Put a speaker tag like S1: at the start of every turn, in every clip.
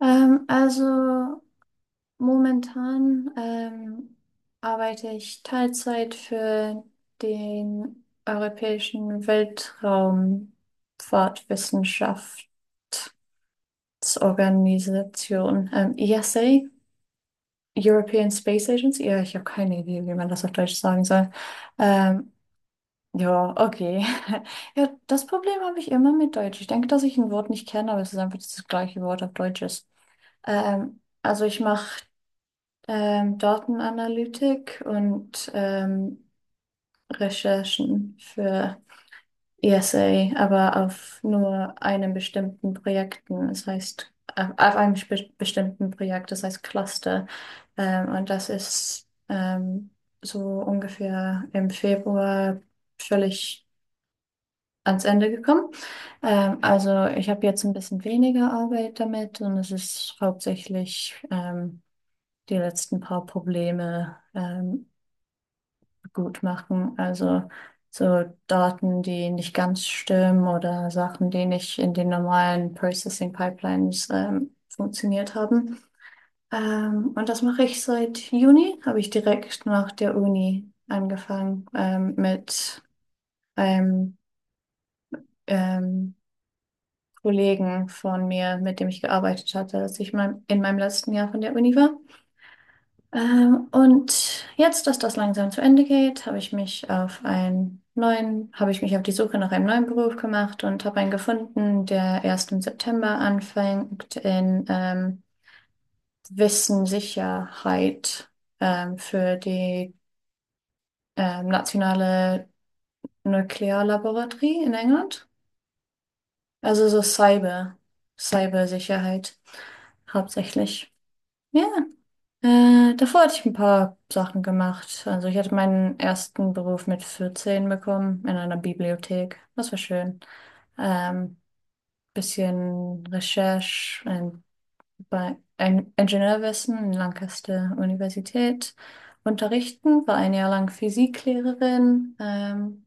S1: Also momentan arbeite ich Teilzeit für den Europäischen Weltraumfahrtwissenschaftsorganisation, ESA, European Space Agency. Ja, ich habe keine Idee, wie man das auf Deutsch sagen soll. Ähm, ja, okay. Ja, das Problem habe ich immer mit Deutsch. Ich denke, dass ich ein Wort nicht kenne, aber es ist einfach das gleiche Wort auf Deutsch ist. Also ich mache Datenanalytik und Recherchen für ESA, aber auf nur einem bestimmten Projekten. Das heißt, auf einem bestimmten Projekt, das heißt Cluster. Und das ist so ungefähr im Februar völlig ans Ende gekommen. Also ich habe jetzt ein bisschen weniger Arbeit damit und es ist hauptsächlich die letzten paar Probleme. Gut machen. Also so Daten, die nicht ganz stimmen oder Sachen, die nicht in den normalen Processing Pipelines funktioniert haben. Und das mache ich seit Juni, habe ich direkt nach der Uni angefangen mit einem ähm, Kollegen von mir, mit dem ich gearbeitet hatte, als ich in meinem letzten Jahr von der Uni war. Und jetzt, dass das langsam zu Ende geht, habe ich mich auf die Suche nach einem neuen Beruf gemacht und habe einen gefunden, der erst im September anfängt in Wissenssicherheit für die nationale Nuklearlaboratorie in England. Also so Cybersicherheit hauptsächlich. Ja. Davor hatte ich ein paar Sachen gemacht. Also ich hatte meinen ersten Beruf mit 14 bekommen in einer Bibliothek. Das war schön. Ähm, Bisschen Recherche bei Ingenieurwissen in Lancaster Universität. Unterrichten, war ein Jahr lang Physiklehrerin.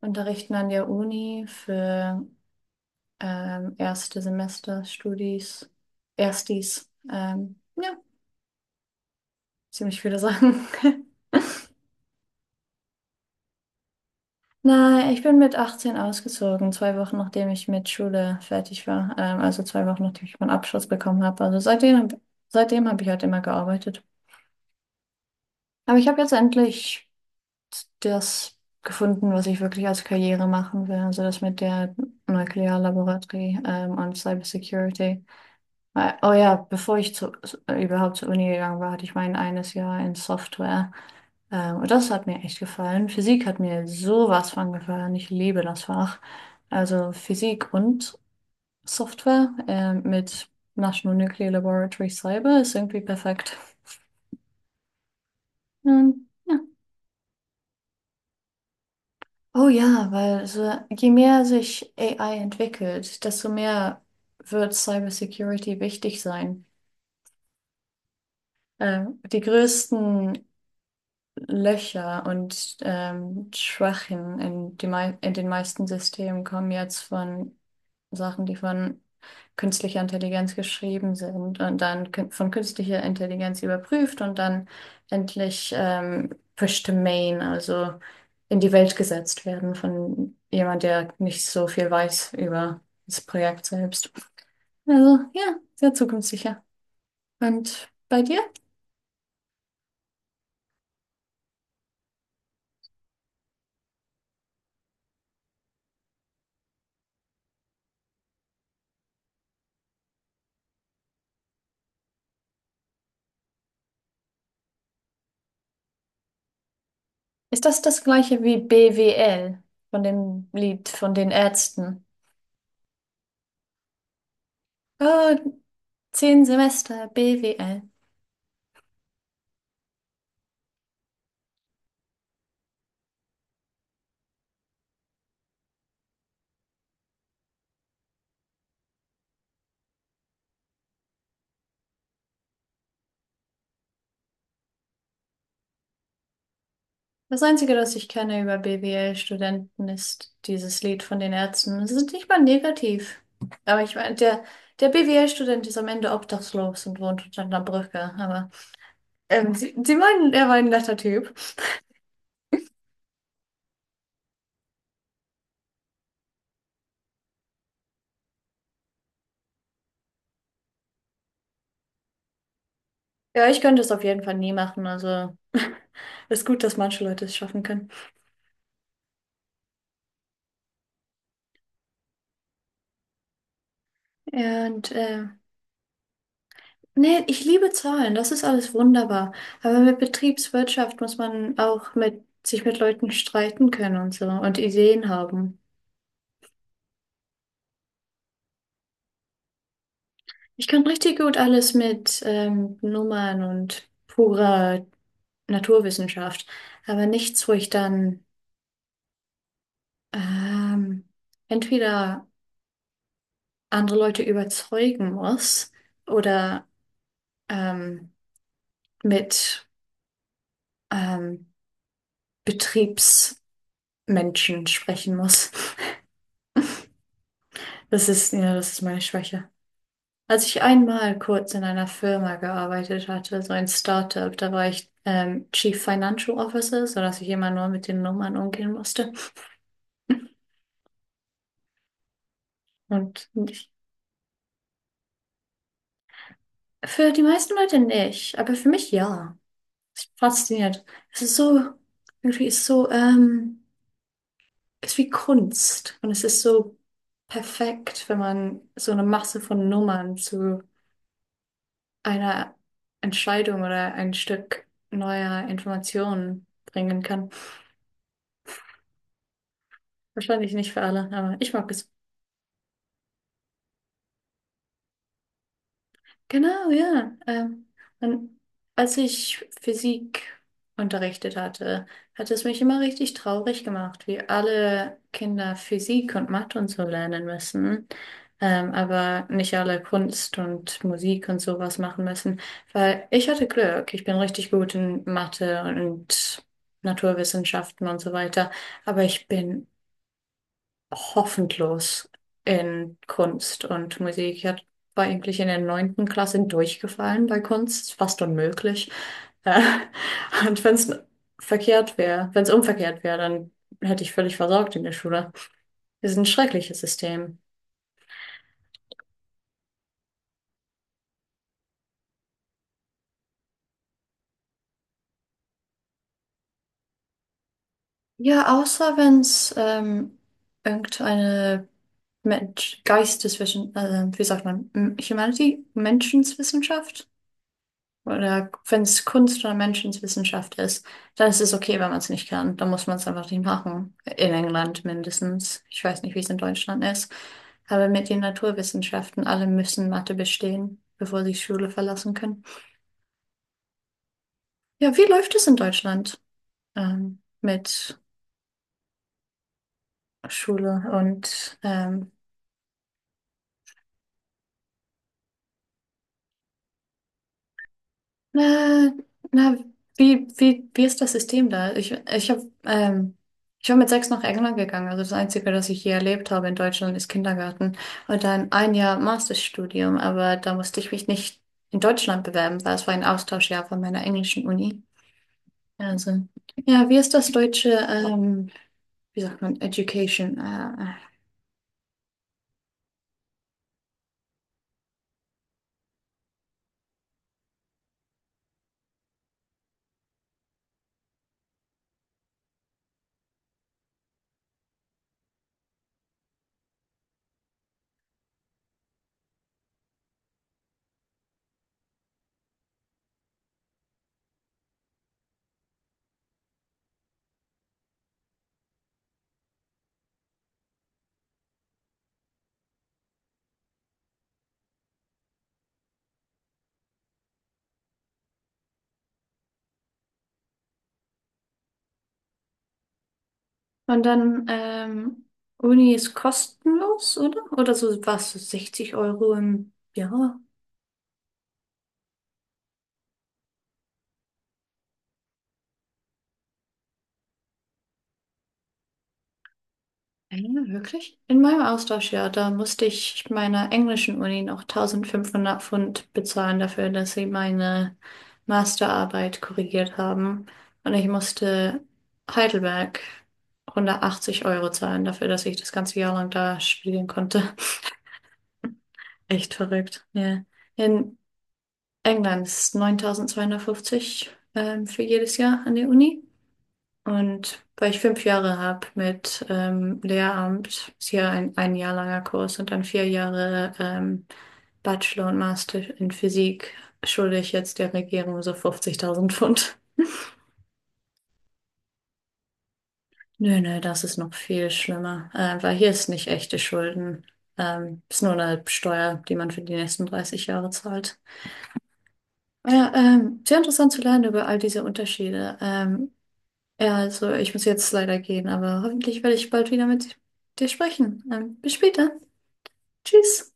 S1: Unterrichten an der Uni für erste Semester Studis, Erstis. Ja, ziemlich viele Sachen. Nein, ich bin mit 18 ausgezogen, 2 Wochen nachdem ich mit Schule fertig war. Also zwei Wochen nachdem ich meinen Abschluss bekommen habe. Also seitdem habe ich halt immer gearbeitet. Aber ich habe jetzt endlich das gefunden, was ich wirklich als Karriere machen will. Also das mit der Nuklearlaboratorie und Cybersecurity. Weil, oh ja, bevor überhaupt zur Uni gegangen war, hatte ich mein eines Jahr in Software. Und das hat mir echt gefallen. Physik hat mir sowas von gefallen. Ich liebe das Fach. Also Physik und Software mit National Nuclear Laboratory Cyber ist irgendwie perfekt. Ja. Oh ja, weil so, je mehr sich AI entwickelt, desto mehr wird Cybersecurity wichtig sein. Die größten Löcher und Schwachen in den meisten Systemen kommen jetzt von Sachen, die von künstlicher Intelligenz geschrieben sind und dann von künstlicher Intelligenz überprüft und dann endlich pushed to main, also in die Welt gesetzt werden von jemand, der nicht so viel weiß über das Projekt selbst. Also ja, sehr zukunftssicher. Und bei dir? Ist das das gleiche wie BWL von dem Lied von den Ärzten? Oh, 10 Semester BWL. Das Einzige, das ich kenne über BWL-Studenten, ist dieses Lied von den Ärzten. Sie sind nicht mal negativ. Aber ich meine, der BWL-Student ist am Ende obdachlos und wohnt unter einer Brücke. Aber sie meinen, er war ein netter Typ. Ja, ich könnte es auf jeden Fall nie machen. Also ist gut, dass manche Leute es schaffen können. Ja, und nee, ich liebe Zahlen, das ist alles wunderbar. Aber mit Betriebswirtschaft muss man auch sich mit Leuten streiten können und so und Ideen haben. Ich kann richtig gut alles mit Nummern und purer Naturwissenschaft, aber nichts, wo ich dann ähm, entweder andere Leute überzeugen muss oder ähm, mit ähm, Betriebsmenschen sprechen muss. Das ist, ja, das ist meine Schwäche. Als ich einmal kurz in einer Firma gearbeitet hatte, so ein Startup, da war ich Chief Financial Officer, sodass ich immer nur mit den Nummern umgehen musste. Und ich, für die meisten Leute nicht, aber für mich ja. Fasziniert. Es ist so, irgendwie ist so, ist wie Kunst. Und es ist so perfekt, wenn man so eine Masse von Nummern zu einer Entscheidung oder ein Stück neuer Informationen bringen kann. Wahrscheinlich nicht für alle, aber ich mag es. Genau, ja. Und als ich Physik unterrichtet hatte, hat es mich immer richtig traurig gemacht, wie alle Kinder Physik und Mathe und so lernen müssen, aber nicht alle Kunst und Musik und sowas machen müssen, weil ich hatte Glück. Ich bin richtig gut in Mathe und Naturwissenschaften und so weiter, aber ich bin hoffnungslos in Kunst und Musik. War eigentlich in der neunten Klasse durchgefallen bei Kunst, fast unmöglich. Äh, und wenn es verkehrt wäre, wenn es umverkehrt wäre, dann hätte ich völlig versagt in der Schule. Das ist ein schreckliches System. Ja, außer wenn es irgendeine Geisteswissenschaft, wie sagt man, Humanity, Menschenswissenschaft. Oder wenn es Kunst oder Menschenwissenschaft ist, dann ist es okay, wenn man es nicht kann. Dann muss man es einfach nicht machen. In England mindestens. Ich weiß nicht, wie es in Deutschland ist. Aber mit den Naturwissenschaften, alle müssen Mathe bestehen, bevor sie Schule verlassen können. Ja, wie läuft es in Deutschland mit Schule und Na, na, wie ist das System da? Ich ähm, ich war mit 6 nach England gegangen. Also das Einzige, das ich hier erlebt habe in Deutschland, ist Kindergarten. Und dann ein Jahr Masterstudium. Aber da musste ich mich nicht in Deutschland bewerben, weil es war ein Austauschjahr von meiner englischen Uni. Also, ja, wie ist das deutsche, wie sagt man, Education? Und dann, Uni ist kostenlos, oder? Oder so was, so 60 Euro im Jahr. Ja, wirklich? In meinem Austauschjahr, da musste ich meiner englischen Uni noch 1500 Pfund bezahlen dafür, dass sie meine Masterarbeit korrigiert haben. Und ich musste Heidelberg 180 Euro zahlen dafür, dass ich das ganze Jahr lang da studieren konnte. Echt verrückt. Ja. In England ist 9250 für jedes Jahr an der Uni. Und weil ich 5 Jahre habe mit Lehramt, ist hier ein Jahr langer Kurs und dann 4 Jahre Bachelor und Master in Physik, schulde ich jetzt der Regierung so 50.000 Pfund. Nö, nö, das ist noch viel schlimmer, weil hier ist nicht echte Schulden. Ist nur eine Steuer, die man für die nächsten 30 Jahre zahlt. Ja, sehr interessant zu lernen über all diese Unterschiede. Ja, also ich muss jetzt leider gehen, aber hoffentlich werde ich bald wieder mit dir sprechen. Bis später. Tschüss.